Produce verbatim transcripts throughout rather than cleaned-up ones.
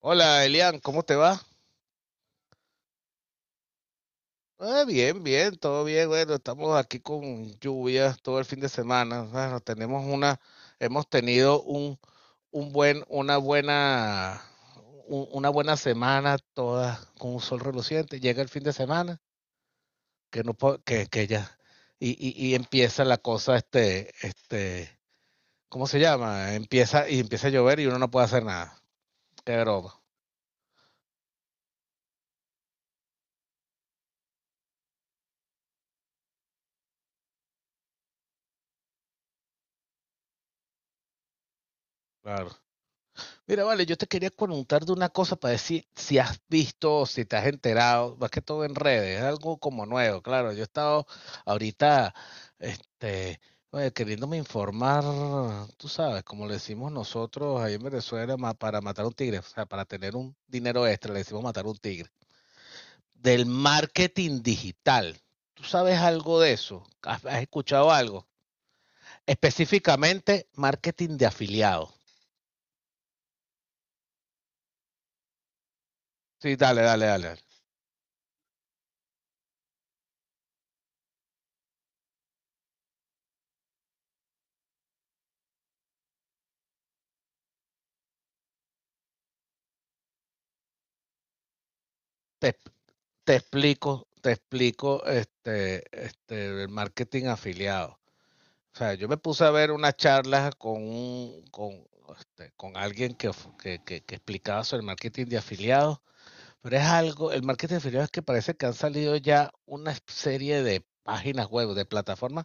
Hola Elian, ¿cómo te va? Ah, bien, bien, todo bien. Bueno, estamos aquí con lluvias todo el fin de semana. Bueno, tenemos una, hemos tenido un, un buen, una buena, un- una buena semana toda con un sol reluciente. Llega el fin de semana, que no po- que, que ya, y, y, y empieza la cosa, este, este, ¿cómo se llama? Empieza, y empieza a llover y uno no puede hacer nada. Qué broma, claro. Mira, vale, yo te quería preguntar de una cosa para decir si si has visto, si te has enterado, más que todo en redes, es algo como nuevo, claro. Yo he estado ahorita, este, oye, queriéndome informar, tú sabes, como le decimos nosotros ahí en Venezuela, ma- para matar un tigre, o sea, para tener un dinero extra, le decimos matar un tigre, del marketing digital. ¿Tú sabes algo de eso? ¿Has, has escuchado algo? Específicamente, marketing de afiliados. Sí, dale, dale, dale. Dale. Te explico, te explico este, este, el marketing afiliado. O sea, yo me puse a ver una charla con, un, con, este, con alguien que, que, que, que explicaba sobre el marketing de afiliados, pero es algo, el marketing de afiliados es que parece que han salido ya una serie de páginas web, de plataformas,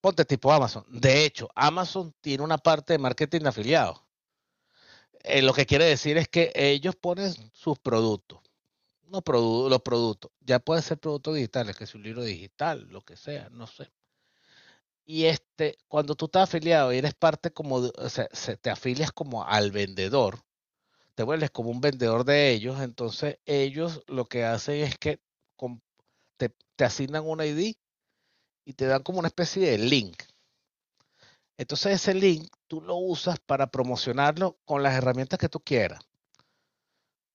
ponte tipo Amazon. De hecho, Amazon tiene una parte de marketing de afiliados. Eh, lo que quiere decir es que ellos ponen sus productos no, produ- los productos. Ya pueden ser productos digitales, que es un libro digital, lo que sea, no sé. Y este, cuando tú estás afiliado y eres parte como, de- o sea, se- te afilias como al vendedor, te vuelves como un vendedor de ellos, entonces ellos lo que hacen es que com- te, te asignan un I D y te dan como una especie de link. Entonces ese link tú lo usas para promocionarlo con las herramientas que tú quieras.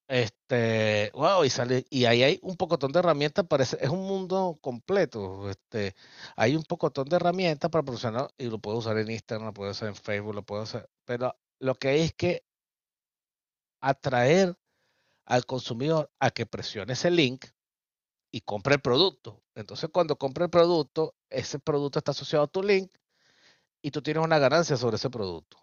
Este, wow, y sale, y ahí hay un pocotón de herramientas, parece, es un mundo completo. Este, hay un pocotón de herramientas para profesional, y lo puedo usar en Instagram, lo puedo usar en Facebook, lo puedo hacer, pero lo que hay es que atraer al consumidor a que presione ese link y compre el producto. Entonces, cuando compre el producto, ese producto está asociado a tu link y tú tienes una ganancia sobre ese producto.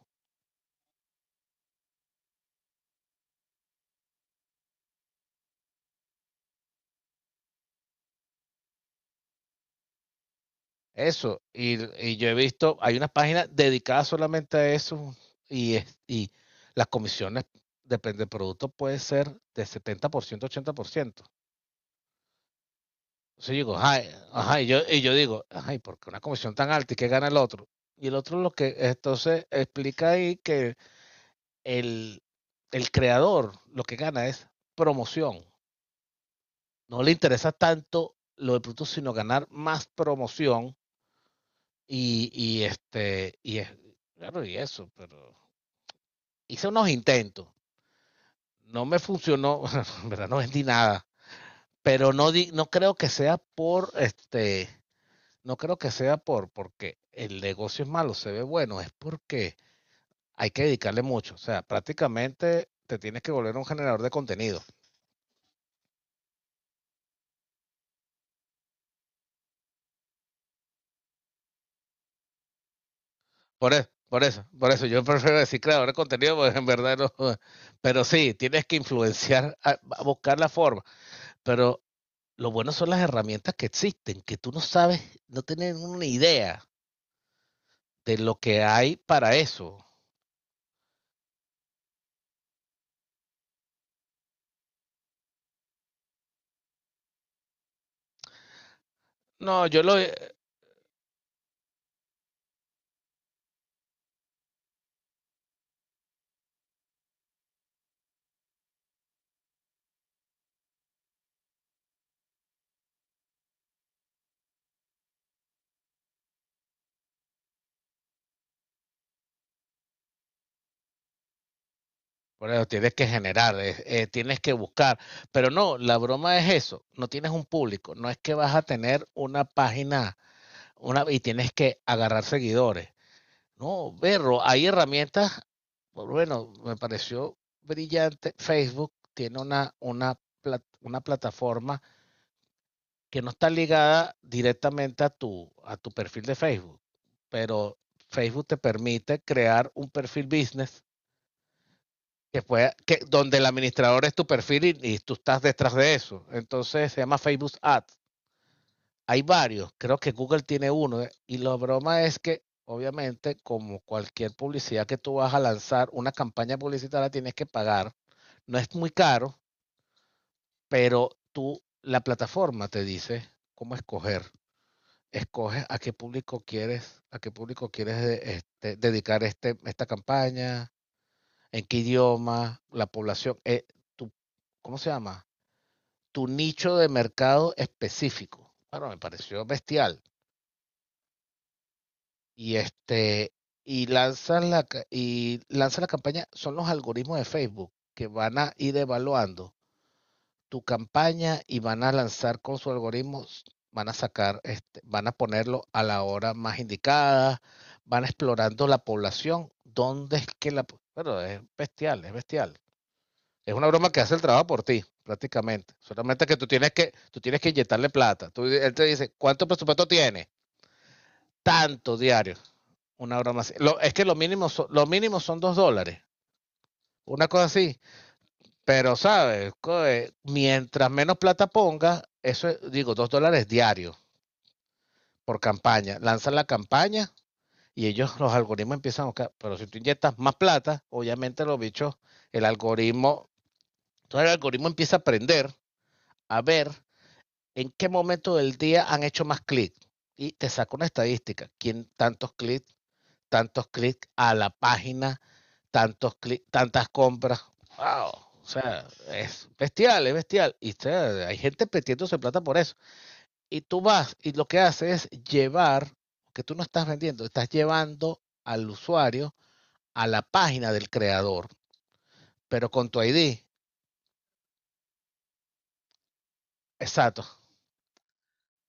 Eso, y, y yo he visto, hay unas páginas dedicadas solamente a eso y, es- y las comisiones, depende del producto, puede ser de setenta por ciento, ochenta por ciento. Entonces yo digo, ay, ajá, y yo, y yo digo, ay, ¿por qué una comisión tan alta y qué gana el otro? Y el otro lo que, entonces explica ahí que el, el creador lo que gana es promoción. No le interesa tanto lo del producto, sino ganar más promoción. Y, y este, y es, claro, y eso, pero hice unos intentos. No me funcionó, en verdad no vendí nada. Pero no, di- no creo que sea por este, no creo que sea por porque el negocio es malo, se ve bueno, es porque hay que dedicarle mucho. O sea, prácticamente te tienes que volver un generador de contenido. Por eso, por eso, por eso yo prefiero decir creador de contenido, porque en verdad no. Pero sí, tienes que influenciar, a- a buscar la forma. Pero lo bueno son las herramientas que existen, que tú no sabes, no tienes una idea de lo que hay para eso. No, yo lo... Bueno, tienes que generar, eh, eh, tienes que buscar, pero no, la broma es eso, no tienes un público, no es que vas a tener una página una, y tienes que agarrar seguidores. No, berro, hay herramientas, bueno, me pareció brillante, Facebook tiene una, una, plat- una plataforma que no está ligada directamente a tu, a tu perfil de Facebook, pero Facebook te permite crear un perfil business que pueda, que, donde el administrador es tu perfil y, y tú estás detrás de eso. Entonces se llama Facebook Ads. Hay varios, creo que Google tiene uno, ¿eh? Y la broma es que obviamente como cualquier publicidad que tú vas a lanzar, una campaña publicitaria tienes que pagar. No es muy caro, pero tú, la plataforma te dice cómo escoger escoges a qué público quieres, a qué público quieres de- este, dedicar este, esta campaña, en qué idioma, la población, eh, tu, ¿cómo se llama? Tu nicho de mercado específico. Bueno, me pareció bestial. Y este, y lanzas la, ca- y lanzas la campaña, son los algoritmos de Facebook que van a ir evaluando tu campaña y van a lanzar con su algoritmo, van a sacar, este, van a ponerlo a la hora más indicada, van explorando la población, dónde es que la... Pero es bestial, es bestial. Es una broma que hace el trabajo por ti, prácticamente. Solamente que tú tienes que, tú tienes que inyectarle plata. Tú, él te dice, ¿cuánto presupuesto tiene? Tanto diario. Una broma así. Lo, es que lo mínimo, son, lo mínimo son dos dólares. Una cosa así. Pero, ¿sabes? Coe, mientras menos plata pongas, eso es, digo, dos dólares diarios por campaña. Lanzan la campaña y ellos, los algoritmos empiezan a buscar. Pero si tú inyectas más plata, obviamente los bichos, el algoritmo, todo el algoritmo empieza a aprender a ver en qué momento del día han hecho más clics. Y te saca una estadística. ¿Quién tantos clics? Tantos clics a la página, tantos tantas compras. Wow. O sea, es bestial, es bestial. Y o sea, hay gente metiéndose plata por eso. Y tú vas y lo que haces es llevar, que tú no estás vendiendo, estás llevando al usuario a la página del creador, pero con tu I D. Exacto.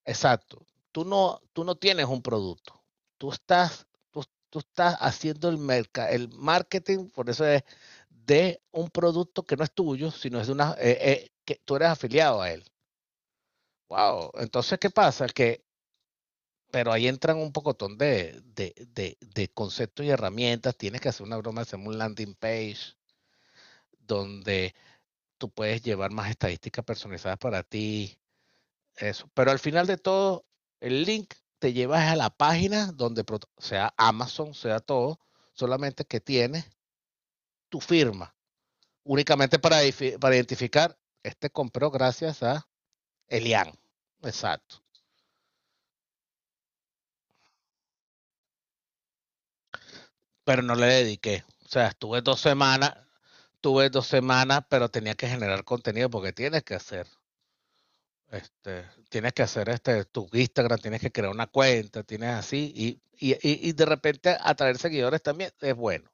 Exacto. Tú no, tú no tienes un producto. Tú estás, tú, tú estás haciendo el, merca- el marketing, por eso es de un producto que no es tuyo, sino es de una, eh, eh, que tú eres afiliado a él. Wow. Entonces, ¿qué pasa? Que, pero ahí entran un pocotón de, de, de, de conceptos y herramientas. Tienes que hacer una broma, hacer un landing page donde tú puedes llevar más estadísticas personalizadas para ti. Eso. Pero al final de todo, el link te lleva a la página donde sea Amazon, sea todo, solamente que tienes tu firma, únicamente para, para identificar, este compró gracias a Elian. Exacto. Pero no le dediqué. O sea, estuve dos semanas, tuve dos semanas, pero tenía que generar contenido porque tienes que hacer. Este, tienes que hacer este tu Instagram, tienes que crear una cuenta, tienes así, y, y- y de repente atraer seguidores también es bueno.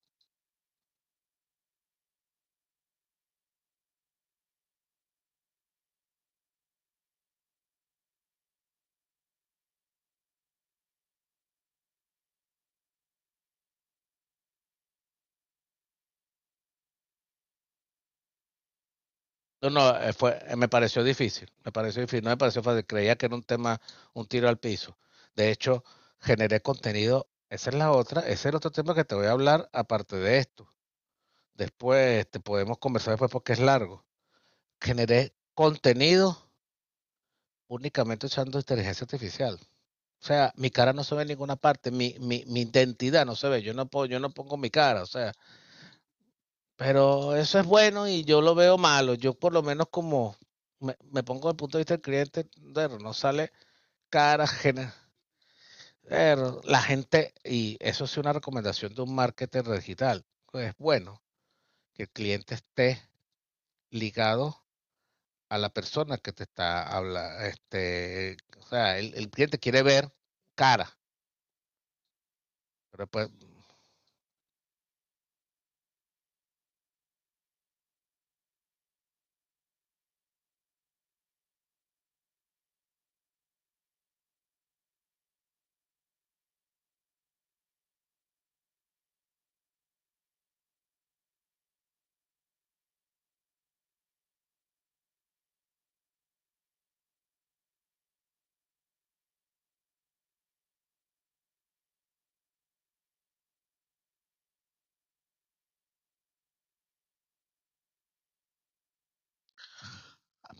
No, no, eh, fue, eh, me pareció difícil, me pareció difícil, no me pareció fácil, creía que era un tema, un tiro al piso. De hecho, generé contenido, esa es la otra, ese es el otro tema que te voy a hablar aparte de esto. Después te podemos conversar después porque es largo. Generé contenido únicamente usando inteligencia artificial. O sea, mi cara no se ve en ninguna parte, mi, mi, mi identidad no se ve, yo no puedo, yo no pongo mi cara, o sea, pero eso es bueno y yo lo veo malo. Yo por lo menos como me, me pongo desde el punto de vista del cliente, pero no sale cara ajena. Pero la gente, y eso es una recomendación de un marketer digital, pues es bueno que el cliente esté ligado a la persona que te está hablando. Este, o sea, el, el cliente quiere ver cara, pero pues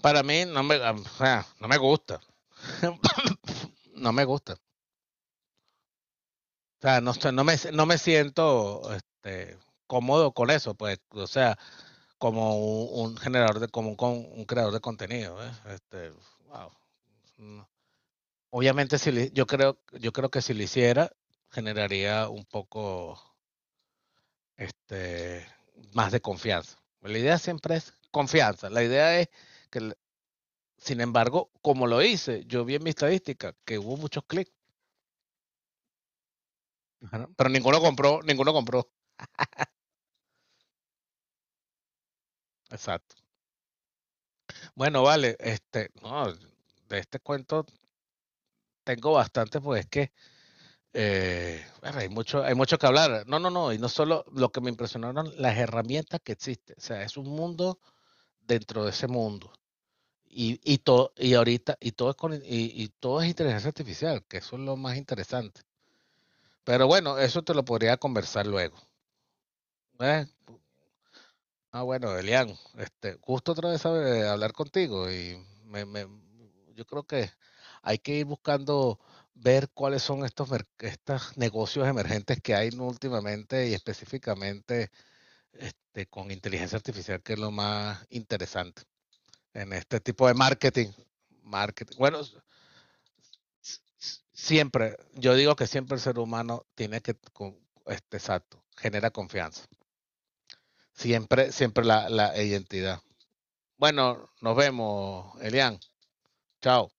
para mí no me, o sea, no me gusta. No me gusta. O sea, no, estoy- no, me, no me siento este, cómodo con eso, pues, o sea, como un, un generador de, como un, con- un creador de contenido, ¿ves? Este, wow, no. Obviamente, si le- yo creo, yo creo que si lo hiciera, generaría un poco, este, más de confianza. La idea siempre es confianza. La idea es que, l- sin embargo, como lo hice, yo vi en mi estadística que hubo muchos clics, ajá, pero ninguno compró, ninguno compró. Exacto. Bueno, vale, este, no, de este cuento tengo bastante, pues es que eh, bueno, hay mucho, hay mucho que hablar. No, no, no, y no solo lo que me impresionaron, las herramientas que existen. O sea, es un mundo dentro de ese mundo. Y, y todo, y ahorita, y todo es con, y, y todo es inteligencia artificial, que eso es lo más interesante. Pero bueno, eso te lo podría conversar luego. ¿Eh? Ah, bueno, Elian, este, gusto otra vez saber- hablar contigo y me, me- yo creo que hay que ir buscando ver cuáles son estos, mer- estos negocios emergentes que hay últimamente y específicamente este, con inteligencia artificial, que es lo más interesante en este tipo de marketing. Marketing. Bueno, s- s- siempre, yo digo que siempre el ser humano tiene que, con- este, exacto, genera confianza. Siempre, siempre la, la identidad. Bueno, nos vemos, Elian. Chao.